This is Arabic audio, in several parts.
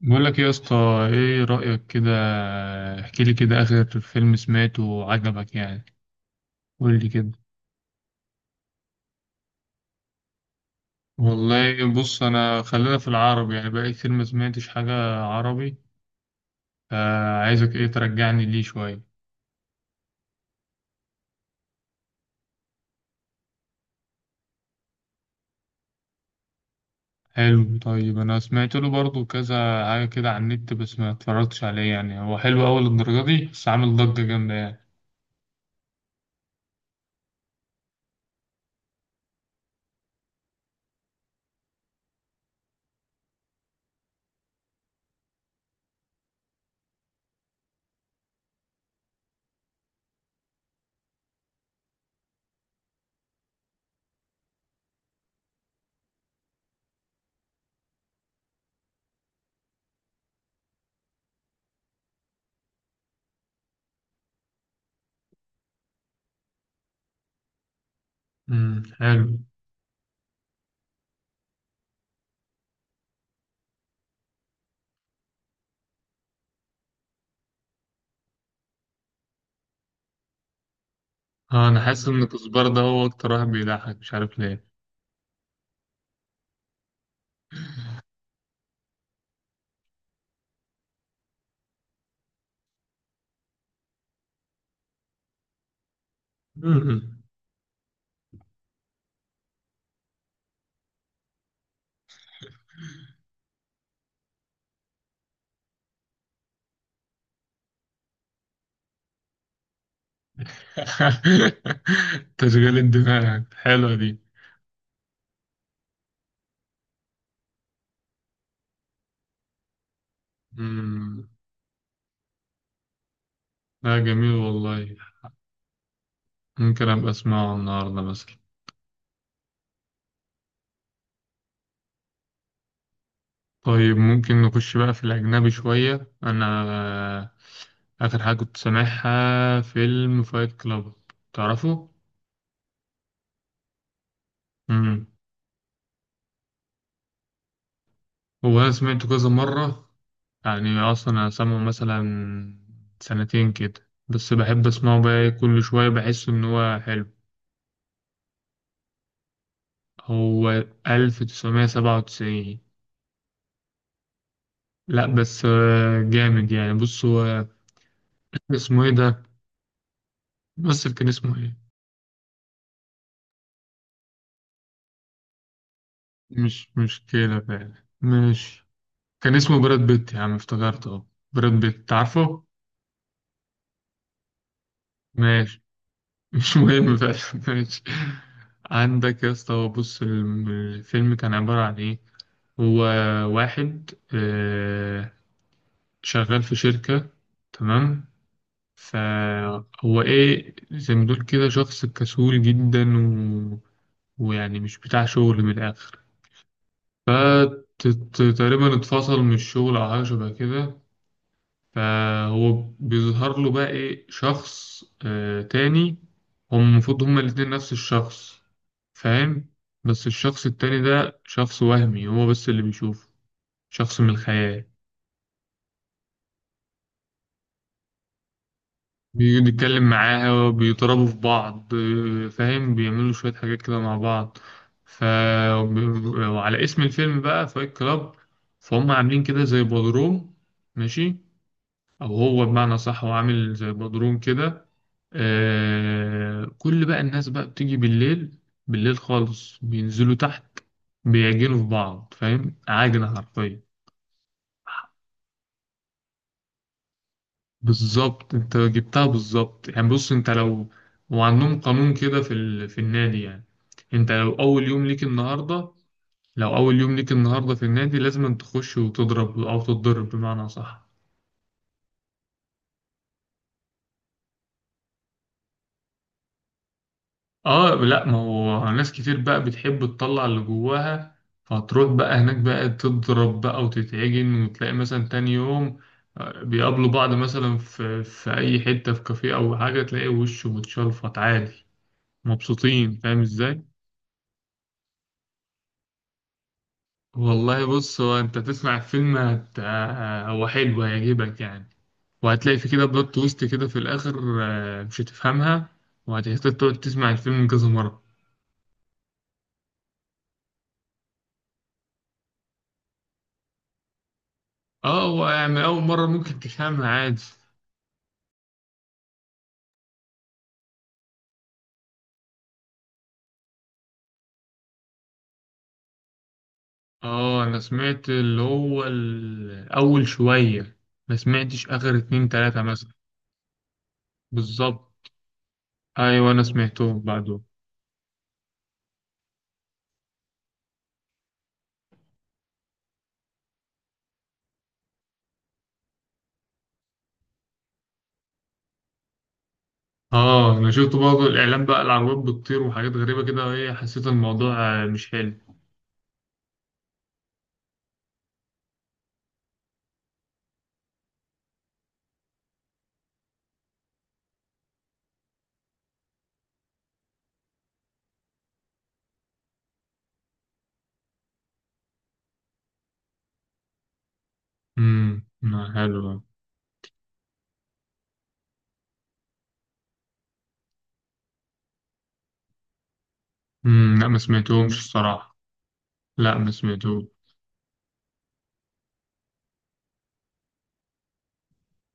بقول لك إيه يا اسطى؟ ايه رأيك كده؟ احكي لي كده، اخر فيلم سمعته وعجبك يعني. قول لي كده. والله بص، انا خلينا في العربي، يعني بقالي كتير ما سمعتش حاجة. عربي. فعايزك ايه ترجعني ليه شوية. حلو. طيب انا سمعت له برضو كذا حاجة كده على النت، بس ما اتفرجتش عليه. يعني هو حلو اول الدرجة دي، بس عامل ضجة جامدة يعني. امم، حلو. اه، انا حاسس ان كزبرة ده هو اكتر واحد بيضحك، مش عارف ليه. تشغيل الدماغ حلوة دي. مم. لا، جميل والله. ممكن أبقى أسمعه النهاردة مثلا. طيب، ممكن نخش بقى في الأجنبي شوية. أنا آخر حاجة كنت سامعها فيلم فايت كلاب. تعرفه؟ مم. هو أنا سمعته كذا مرة، يعني أصلا أنا سامعه مثلا سنتين كده، بس بحب أسمعه بقى، إيه، كل شوية بحس إن هو حلو. هو 1997. لا بس جامد، يعني بص هو. اسمه ايه ده؟ الممثل كان اسمه ايه؟ مش مشكلة بقى. ماشي. كان اسمه براد بيت يا عم، افتكرت اه. براد بيت، عارفه. ماشي. مش مهم بقى. ماشي. عندك يا اسطى، هو بص الفيلم كان عبارة عن ايه. هو واحد شغال في شركة. تمام. فهو ايه، زي ما تقول كده شخص كسول جدا ويعني مش بتاع شغل من الآخر. فتقريبا اتفصل من الشغل أو حاجة شبه كده. فهو بيظهر له بقى إيه شخص تاني. هم المفروض هما الاتنين نفس الشخص، فاهم. بس الشخص التاني ده شخص وهمي، هو بس اللي بيشوفه. شخص من الخيال، بيقعد يتكلم معاها، بيضربوا في بعض فاهم، بيعملوا شوية حاجات كده مع بعض. ف وب- وعلى اسم الفيلم بقى فايت كلاب، فهم عاملين كده زي بودروم. ماشي. او هو بمعنى صح، هو عامل زي بدروم كده. آه، كل بقى الناس بقى بتيجي بالليل. بالليل خالص بينزلوا تحت، بيعجنوا في بعض، فاهم، عاجنة حرفيا. بالظبط، انت جبتها بالظبط. يعني بص، انت لو، وعندهم قانون كده في النادي يعني. انت لو اول يوم ليك النهارده لو اول يوم ليك النهارده في النادي، لازم تخش وتضرب او تتضرب، بمعنى صح. اه لا، ما هو ناس كتير بقى بتحب تطلع اللي جواها. فهتروح بقى هناك بقى، تضرب بقى وتتعجن، وتلاقي مثلا تاني يوم بيقابلوا بعض مثلا في اي حتة، في كافيه او حاجة، تلاقي وشه متشلفط عادي، مبسوطين، فاهم ازاي. والله بص، هو انت تسمع الفيلم هو حلو، هيعجبك يعني. وهتلاقي في كده بلوت تويست كده في الاخر مش هتفهمها، وهتحتاج تقعد تسمع الفيلم كذا مرة. اه، هو يعني أول مرة ممكن تفهمها عادي. اه، انا سمعت اللي هو الاول شوية، ما سمعتش اخر اتنين تلاتة مثلا. بالظبط. ايوه، انا سمعتهم بعده. اه، انا شفت برضه الاعلان بقى، العربيات بتطير وحاجات غريبة كده، ايه، حسيت الموضوع مش حلو. امم، ما حلو. امم، لا ما سمعتهمش الصراحة. لا، ما سمعتهمش.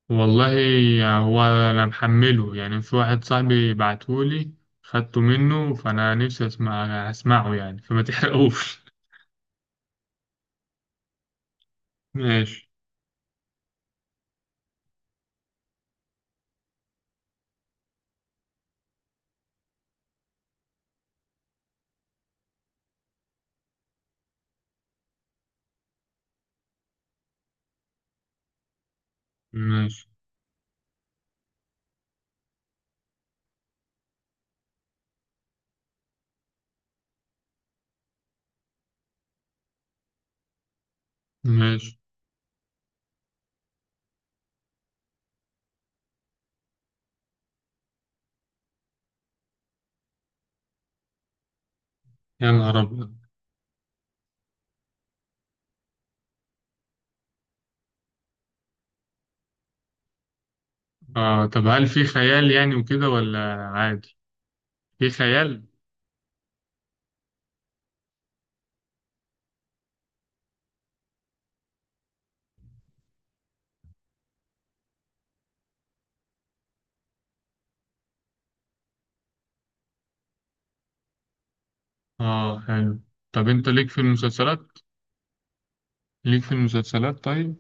والله، هو انا محمله يعني، في واحد صاحبي بعتهولي، خدته منه، فانا نفسي اسمع. اسمعه يعني، فما تحرقوش. ماشي. ماشي. ماشي. يا نهار أبيض. آه، طب هل في خيال يعني وكده ولا عادي؟ في خيال؟ آه، حلو. طب أنت ليك في المسلسلات؟ ليك في المسلسلات طيب؟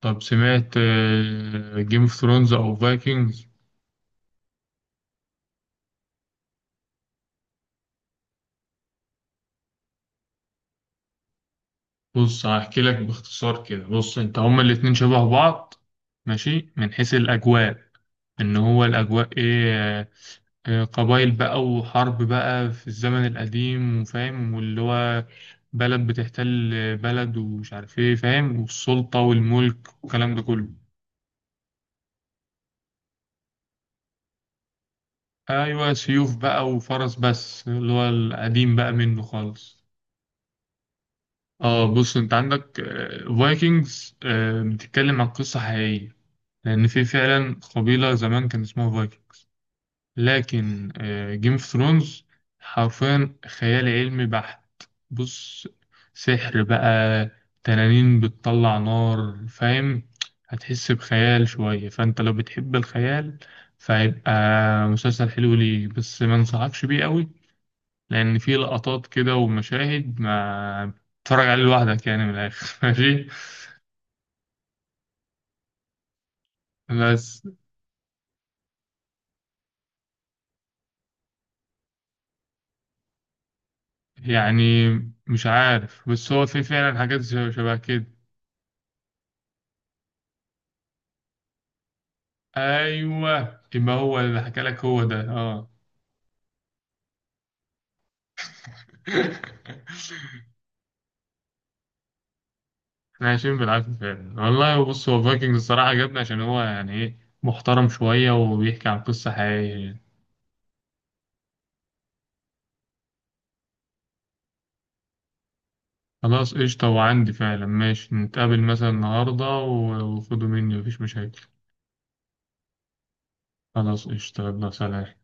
طب، سمعت جيم اوف ثرونز أو فايكنجز؟ بص، هحكي لك باختصار كده. بص، أنت هما الاتنين شبه بعض، ماشي، من حيث الأجواء. ان هو الاجواء ايه قبائل بقى وحرب بقى في الزمن القديم، وفاهم، واللي هو بلد بتحتل بلد، ومش عارف ايه، فاهم، والسلطة والملك والكلام ده كله. ايوه، سيوف بقى وفرس، بس اللي هو القديم بقى منه خالص. اه بص، انت عندك فايكنجز بتتكلم عن قصة حقيقية، لان في فعلا قبيلة زمان كان اسمها فايكنج. لكن جيم اوف ثرونز حرفيا خيال علمي بحت. بص، سحر بقى، تنانين بتطلع نار، فاهم، هتحس بخيال شوية. فانت لو بتحب الخيال، فهيبقى مسلسل حلو ليك، بس ما انصحكش بيه قوي، لان فيه لقطات كده ومشاهد ما تتفرج عليه لوحدك يعني، من الاخر. ماشي. بس يعني مش عارف، بس هو في فعلا حاجات شبه كده. ايوه، يبقى هو اللي حكى لك، هو ده اه. احنا عايشين بالعافيه فعلا. والله بص، هو فايكنجز الصراحه عجبني، عشان هو يعني ايه، محترم شويه، وبيحكي عن قصه حقيقيه يعني. خلاص قشطه، وعندي فعلا، ماشي، نتقابل مثلا النهارده وخدوا مني، مفيش مشاكل. خلاص قشطه، يلا سلام.